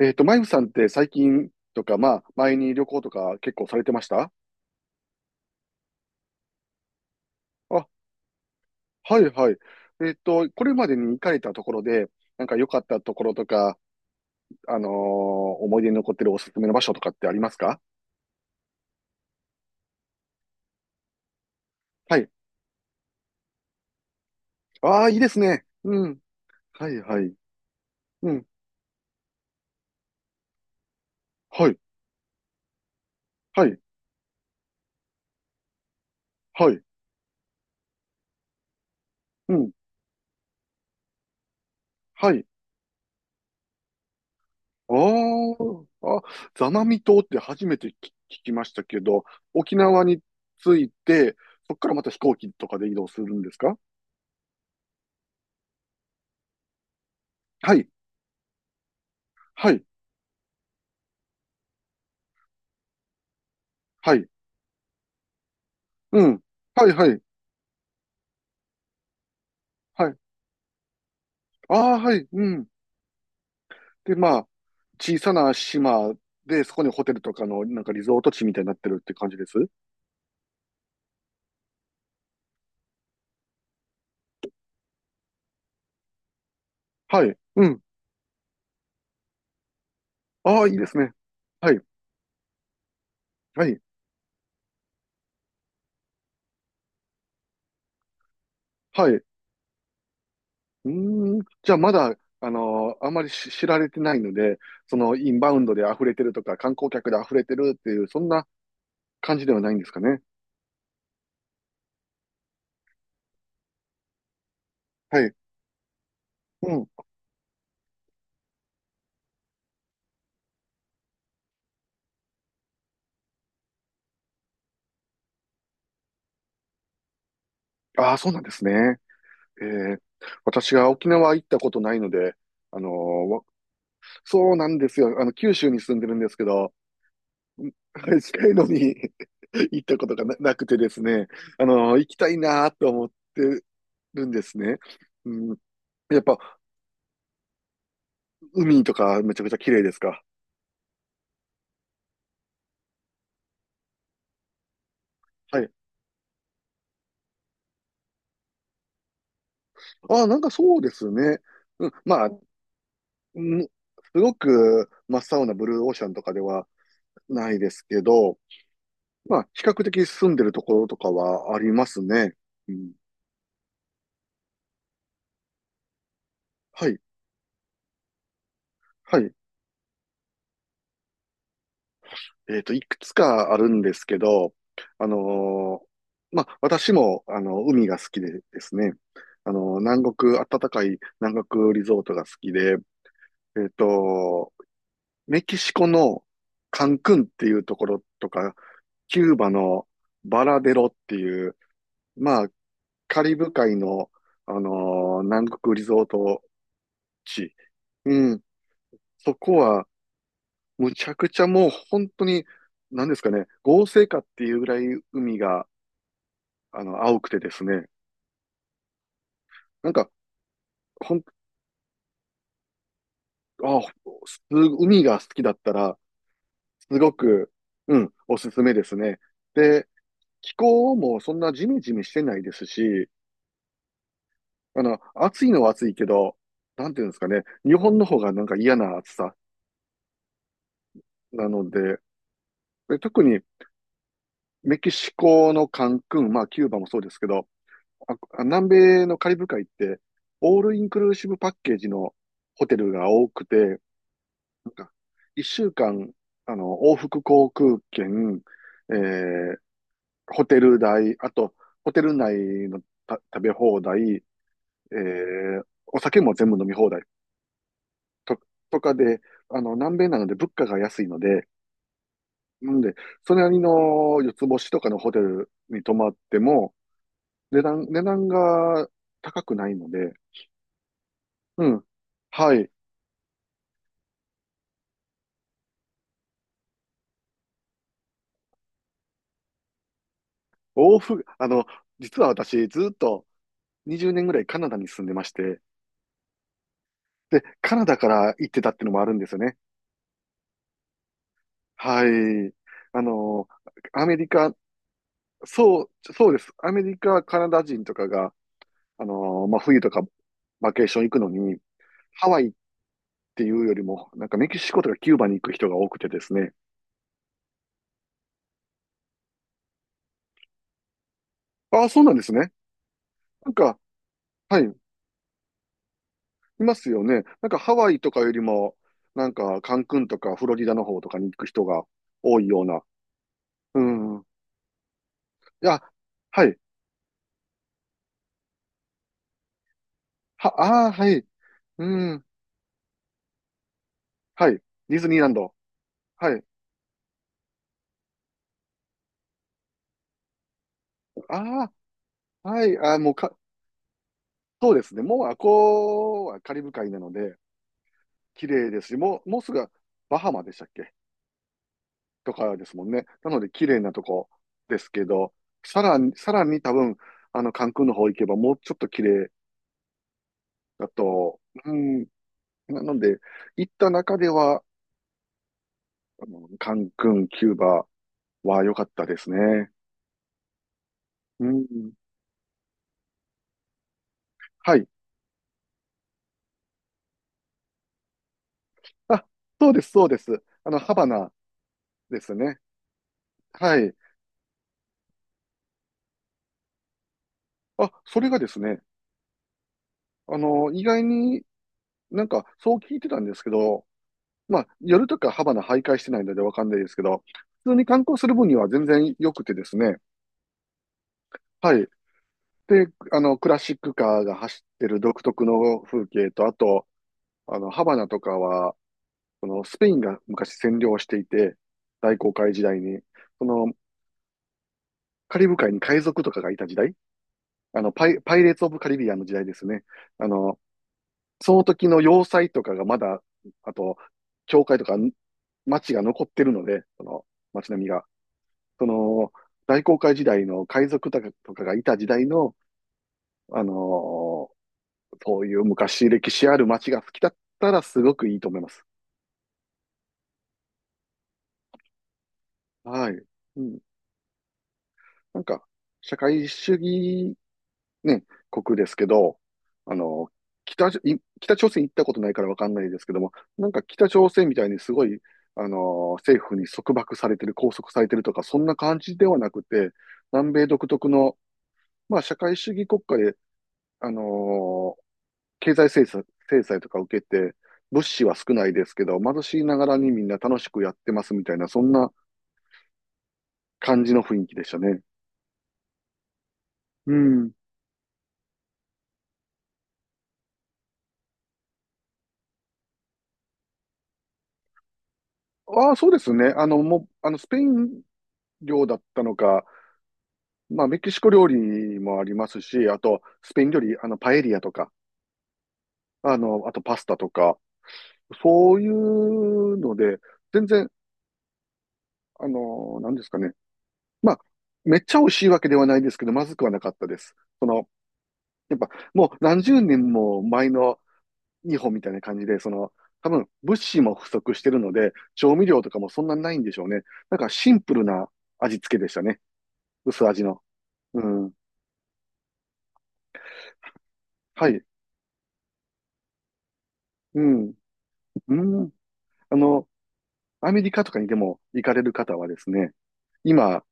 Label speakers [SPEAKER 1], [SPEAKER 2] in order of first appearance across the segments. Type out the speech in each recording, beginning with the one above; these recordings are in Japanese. [SPEAKER 1] マイフさんって最近とか、まあ、前に旅行とか結構されてました？あ、はいはい。これまでに行かれたところで、なんか良かったところとか、あのー思い出に残ってるおすすめの場所とかってありますか？はい。ああ、いいですね。うん。はいはい。うん。はい。はい。はい。うん。はい。ああ、あ、座間味島って初めて聞きましたけど、沖縄に着いて、そこからまた飛行機とかで移動するんですか？はい。はい。はい。うん。はいはい。はい。ああ、はい。うん。で、まあ、小さな島で、そこにホテルとかの、なんかリゾート地みたいになってるって感じです。はい。うん。ああ、いいですね。はい。はい。はい。うーん。じゃあ、まだ、あまり知られてないので、その、インバウンドで溢れてるとか、観光客で溢れてるっていう、そんな感じではないんですかね。はい。うん。ああ、そうなんですね。えー、私が沖縄行ったことないので、あのーわそうなんですよ。あの、九州に住んでるんですけど、はい、近いのに 行ったことがなくてですね、あの、行きたいなと思ってるんですね。うん、やっぱ、海とかめちゃくちゃ綺麗ですか？はい。ああ、なんかそうですね。うん、まあ、うん、すごく真っ青なブルーオーシャンとかではないですけど、まあ、比較的住んでるところとかはありますね。うん、はい。はい。いくつかあるんですけど、あのーまあ、私も、あの、海が好きでですね、あの、南国、暖かい南国リゾートが好きで、えっと、メキシコのカンクンっていうところとか、キューバのバラデロっていう、まあ、カリブ海の、南国リゾート地。うん、そこは、むちゃくちゃもう本当に、なんですかね、合成かっていうぐらい海が、あの、青くてですね。なんか、ほん、あ、す、海が好きだったら、すごく、うん、おすすめですね。で、気候もそんなジメジメしてないですし、あの、暑いのは暑いけど、なんていうんですかね、日本の方がなんか嫌な暑さなので、で特にメキシコのカンクン、まあキューバもそうですけど、あ、南米のカリブ海って、オールインクルーシブパッケージのホテルが多くて、なんか、一週間、あの、往復航空券、えーホテル代、あと、ホテル内の食べ放題、えーお酒も全部飲み放題と、とかで、あの、南米なので物価が安いので、なんで、それなりの四つ星とかのホテルに泊まっても、値段が高くないので、うん。はい。往復、あの、実は私、ずっと20年ぐらいカナダに住んでまして、で、カナダから行ってたっていうのもあるんですよね。はい。あの、アメリカ、そう、そうです。アメリカ、カナダ人とかが、あの、まあ、冬とかバケーション行くのに、ハワイっていうよりも、なんかメキシコとかキューバに行く人が多くてですね。ああ、そうなんですね。なんか、はい、いますよね。なんかハワイとかよりも、なんかカンクンとかフロリダの方とかに行く人が多いような。うん。いや、はい。は、ああ、はい。うん。はい。ディズニーランド。はい。ああ、はい、あーもうか、そうですね。もう、あこうはカリブ海なので、綺麗ですし、もうすぐバハマでしたっけ、とかですもんね。なので、綺麗なとこですけど、さらに多分、あの、カンクンの方行けば、もうちょっと綺麗だと、うん、なので、行った中では、あのカンクン、キューバは良かったですね。うん、はい。あ、そうです。あの、ハバナですね。はい。あ、それがですね、あの、意外になんか、そう聞いてたんですけど、まあ、夜とかハバナ徘徊してないのでわかんないですけど、普通に観光する分には全然良くてですね、はい。で、あの、クラシックカーが走ってる独特の風景と、あと、あの、ハバナとかは、このスペインが昔占領していて、大航海時代に、その、カリブ海に海賊とかがいた時代、あの、パイレーツ・オブ・カリビアンの時代ですね。あの、その時の要塞とかがまだ、あと、教会とか町が残ってるので、その町並みが。その、大航海時代の海賊とかがいた時代の、あのーそういう昔歴史ある町が好きだったらすごくいいと思います。はい。うん。なんか、社会主義ね、国ですけど、あの、北朝鮮行ったことないからわかんないですけども、なんか北朝鮮みたいにすごい、あの、政府に束縛されてる、拘束されてるとか、そんな感じではなくて、南米独特の、まあ、社会主義国家で、あの、経済制裁、制裁とか受けて、物資は少ないですけど、貧しいながらにみんな楽しくやってますみたいな、そんな感じの雰囲気でしたね。うん。ああ、そうですね。あの、もう、あの、スペイン領だったのか、まあ、メキシコ料理もありますし、あと、スペイン料理、あの、パエリアとか、あの、あとパスタとか、そういうので、全然、あの、なんですかね。まあ、めっちゃ美味しいわけではないですけど、まずくはなかったです。その、やっぱ、もう何十年も前の日本みたいな感じで、その、多分、物資も不足してるので、調味料とかもそんなにないんでしょうね。なんか、シンプルな味付けでしたね。薄味の。うん。はい。うん。うん。あの、アメリカとかにでも行かれる方はですね、今、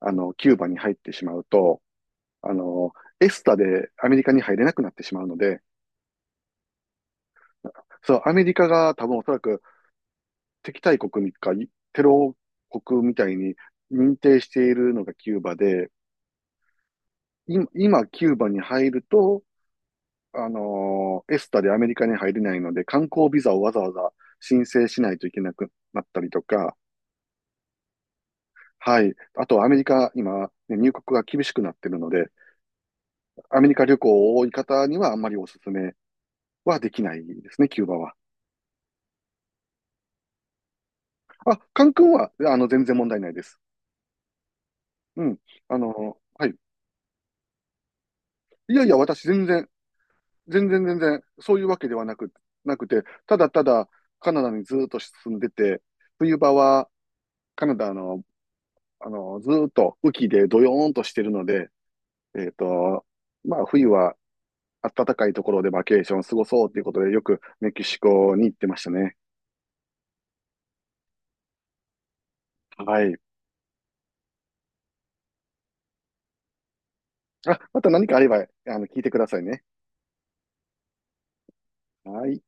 [SPEAKER 1] あの、キューバに入ってしまうと、あの、エスタでアメリカに入れなくなってしまうので、そう、アメリカが多分おそらく敵対国か、テロ国みたいに認定しているのがキューバで、今、キューバに入ると、エスタでアメリカに入れないので、観光ビザをわざわざ申請しないといけなくなったりとか、はい。あと、アメリカ、今、ね入国が厳しくなってるので、アメリカ旅行を多い方にはあんまりお勧めはできないですね、キューバは。あ、カン君は、あの、全然問題ないです。うん。あの、はい。いやいや、私全然、そういうわけではなく、なくて、ただただカナダにずっと住んでて、冬場はカナダの、あの、ずっと雨季でドヨーンとしてるので、えっと、まあ、冬は暖かいところでバケーション過ごそうということで、よくメキシコに行ってましたね。はい。あ、また何かあれば、あの、聞いてくださいね。はい。